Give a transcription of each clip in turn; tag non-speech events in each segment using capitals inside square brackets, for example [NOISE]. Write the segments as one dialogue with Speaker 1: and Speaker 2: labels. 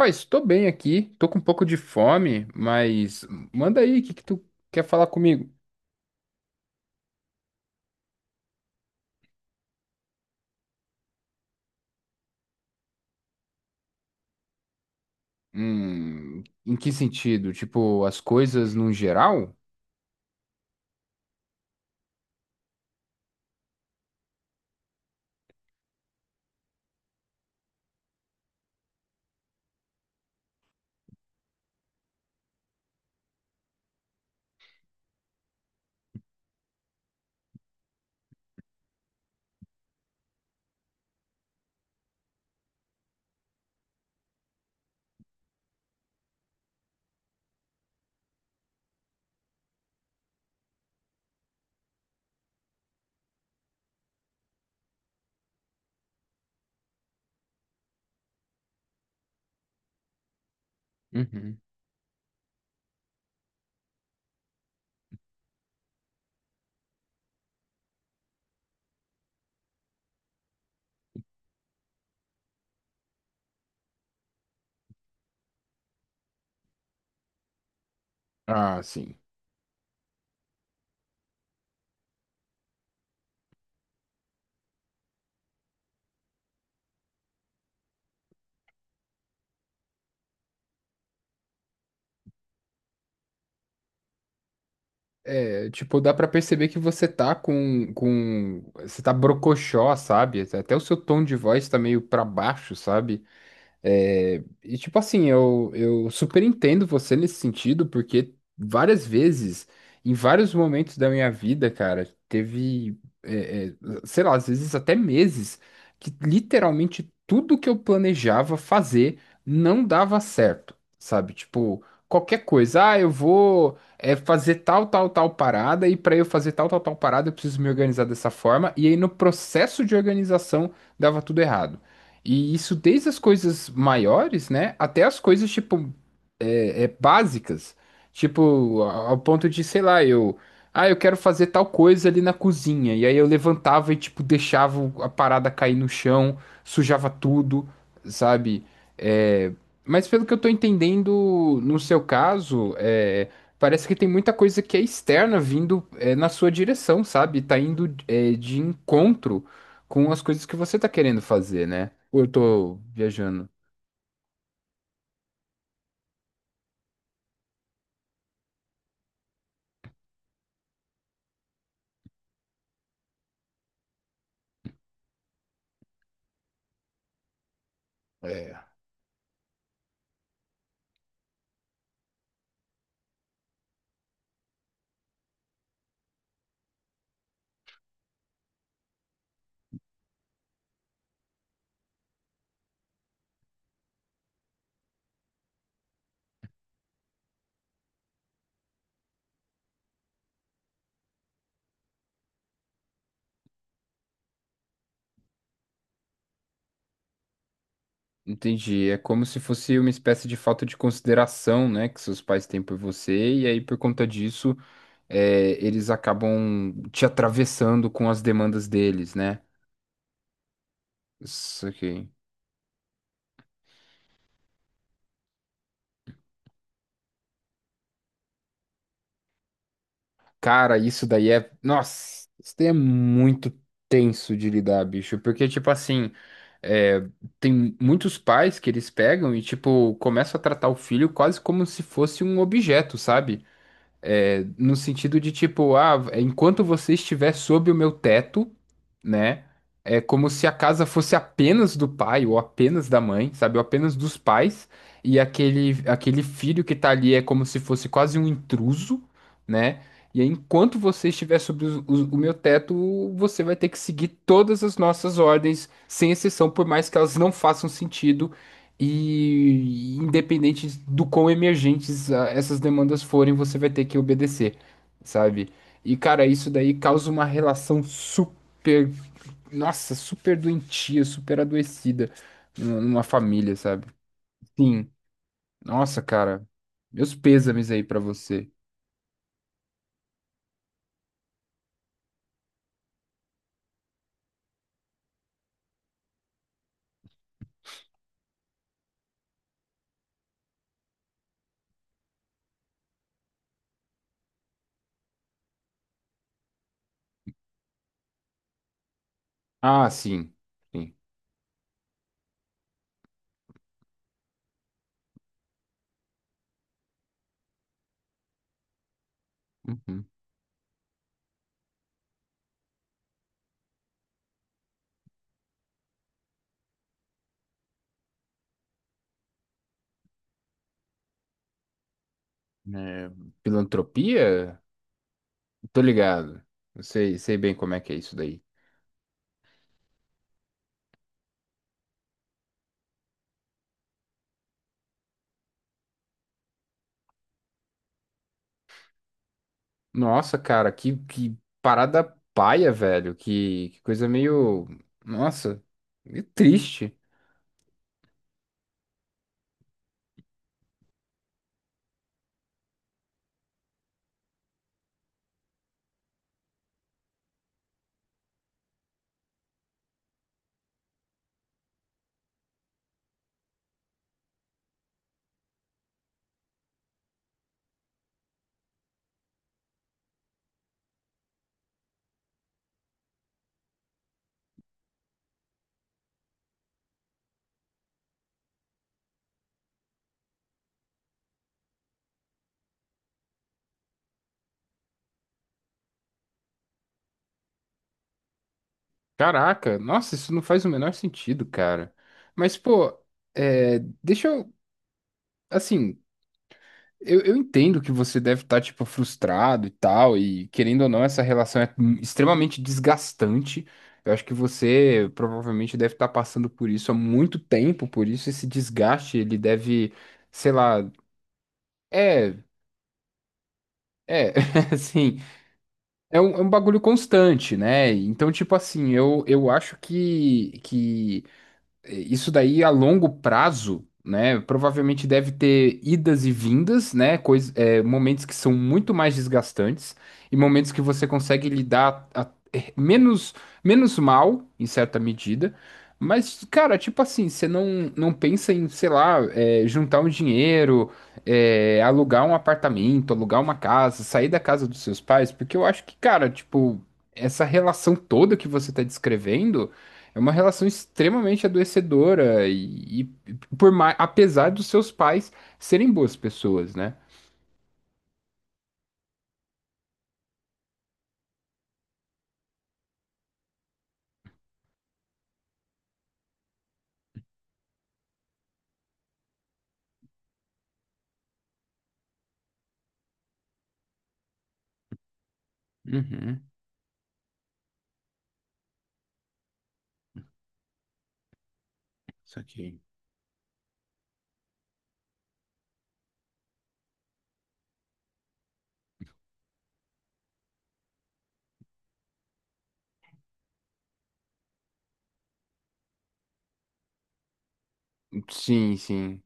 Speaker 1: Ó, estou bem aqui, tô com um pouco de fome, mas manda aí, o que que tu quer falar comigo? Em que sentido? Tipo, as coisas num geral? Uhum. Ah, sim. É, tipo, dá pra perceber que você tá com... Você tá brocochó, sabe? Até o seu tom de voz tá meio pra baixo, sabe? É, e tipo assim, eu super entendo você nesse sentido, porque várias vezes, em vários momentos da minha vida, cara, teve, sei lá, às vezes até meses, que literalmente tudo que eu planejava fazer não dava certo, sabe? Tipo, qualquer coisa, ah, eu vou, fazer tal, tal, tal parada, e para eu fazer tal, tal, tal parada, eu preciso me organizar dessa forma, e aí no processo de organização dava tudo errado. E isso desde as coisas maiores, né, até as coisas tipo básicas, tipo, ao ponto de, sei lá, eu, ah, eu quero fazer tal coisa ali na cozinha, e aí eu levantava e, tipo, deixava a parada cair no chão, sujava tudo, sabe? É, mas pelo que eu tô entendendo, no seu caso, é, parece que tem muita coisa que é externa vindo, é, na sua direção, sabe? Tá indo, é, de encontro com as coisas que você tá querendo fazer, né? Ou eu tô viajando? É. Entendi. É como se fosse uma espécie de falta de consideração, né, que seus pais têm por você, e aí por conta disso, é, eles acabam te atravessando com as demandas deles, né? Isso aqui. Cara, isso daí é. Nossa, isso daí é muito tenso de lidar, bicho, porque, tipo assim. É, tem muitos pais que eles pegam e, tipo, começam a tratar o filho quase como se fosse um objeto, sabe? É, no sentido de tipo, ah, enquanto você estiver sob o meu teto, né? É como se a casa fosse apenas do pai ou apenas da mãe, sabe? Ou apenas dos pais. E aquele filho que tá ali é como se fosse quase um intruso, né? E aí, enquanto você estiver sobre o meu teto, você vai ter que seguir todas as nossas ordens, sem exceção, por mais que elas não façam sentido e independente do quão emergentes ah, essas demandas forem, você vai ter que obedecer, sabe? E cara, isso daí causa uma relação super nossa, super doentia, super adoecida numa família, sabe? Sim. Nossa, cara. Meus pêsames aí pra você. Ah, sim. Sim. Uhum. É, filantropia? Tô ligado. Eu sei, sei bem como é que é isso daí. Nossa, cara, que parada paia, velho. Que coisa meio. Nossa, meio triste. Caraca, nossa, isso não faz o menor sentido, cara. Mas, pô, é, deixa eu. Assim, eu entendo que você deve estar, tipo, frustrado e tal, e querendo ou não, essa relação é extremamente desgastante. Eu acho que você provavelmente deve estar passando por isso há muito tempo, por isso esse desgaste, ele deve, sei lá, é, é, [LAUGHS] assim, é um bagulho constante, né? Então, tipo assim, eu acho que é, isso daí a longo prazo, né? Provavelmente deve ter idas e vindas, né? Coisa, é, momentos que são muito mais desgastantes e momentos que você consegue lidar é, menos, menos mal, em certa medida. Mas, cara, tipo assim, você não pensa em, sei lá, é, juntar um dinheiro, é, alugar um apartamento, alugar uma casa, sair da casa dos seus pais, porque eu acho que, cara, tipo, essa relação toda que você tá descrevendo. É uma relação extremamente adoecedora e por mais, apesar dos seus pais serem boas pessoas, né? Uhum. Saquei. Sim, sim.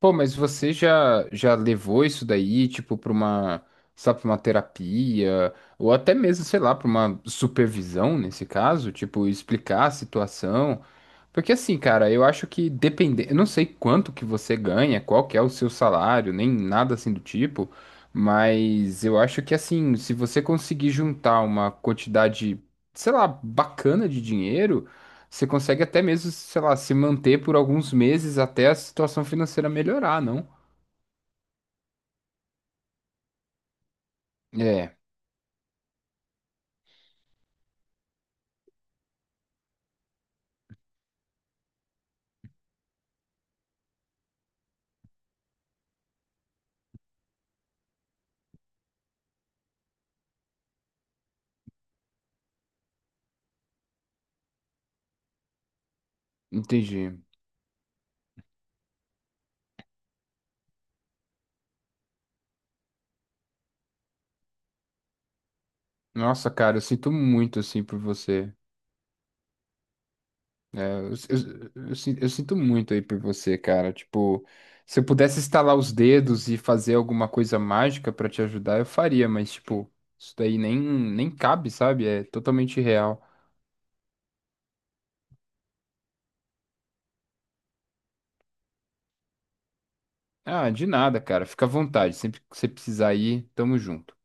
Speaker 1: Pô, mas você já levou isso daí, tipo, pra uma, sabe, pra uma terapia, ou até mesmo, sei lá, pra uma supervisão, nesse caso, tipo, explicar a situação. Porque assim, cara, eu acho que depende, eu não sei quanto que você ganha, qual que é o seu salário, nem nada assim do tipo, mas eu acho que assim, se você conseguir juntar uma quantidade, sei lá, bacana de dinheiro, você consegue até mesmo, sei lá, se manter por alguns meses até a situação financeira melhorar, não? É, entendi. Nossa, cara, eu sinto muito assim por você. É, eu, eu sinto muito aí por você, cara. Tipo, se eu pudesse estalar os dedos e fazer alguma coisa mágica pra te ajudar, eu faria, mas, tipo, isso daí nem cabe, sabe? É totalmente real. Ah, de nada, cara. Fica à vontade. Sempre que você precisar ir, tamo junto.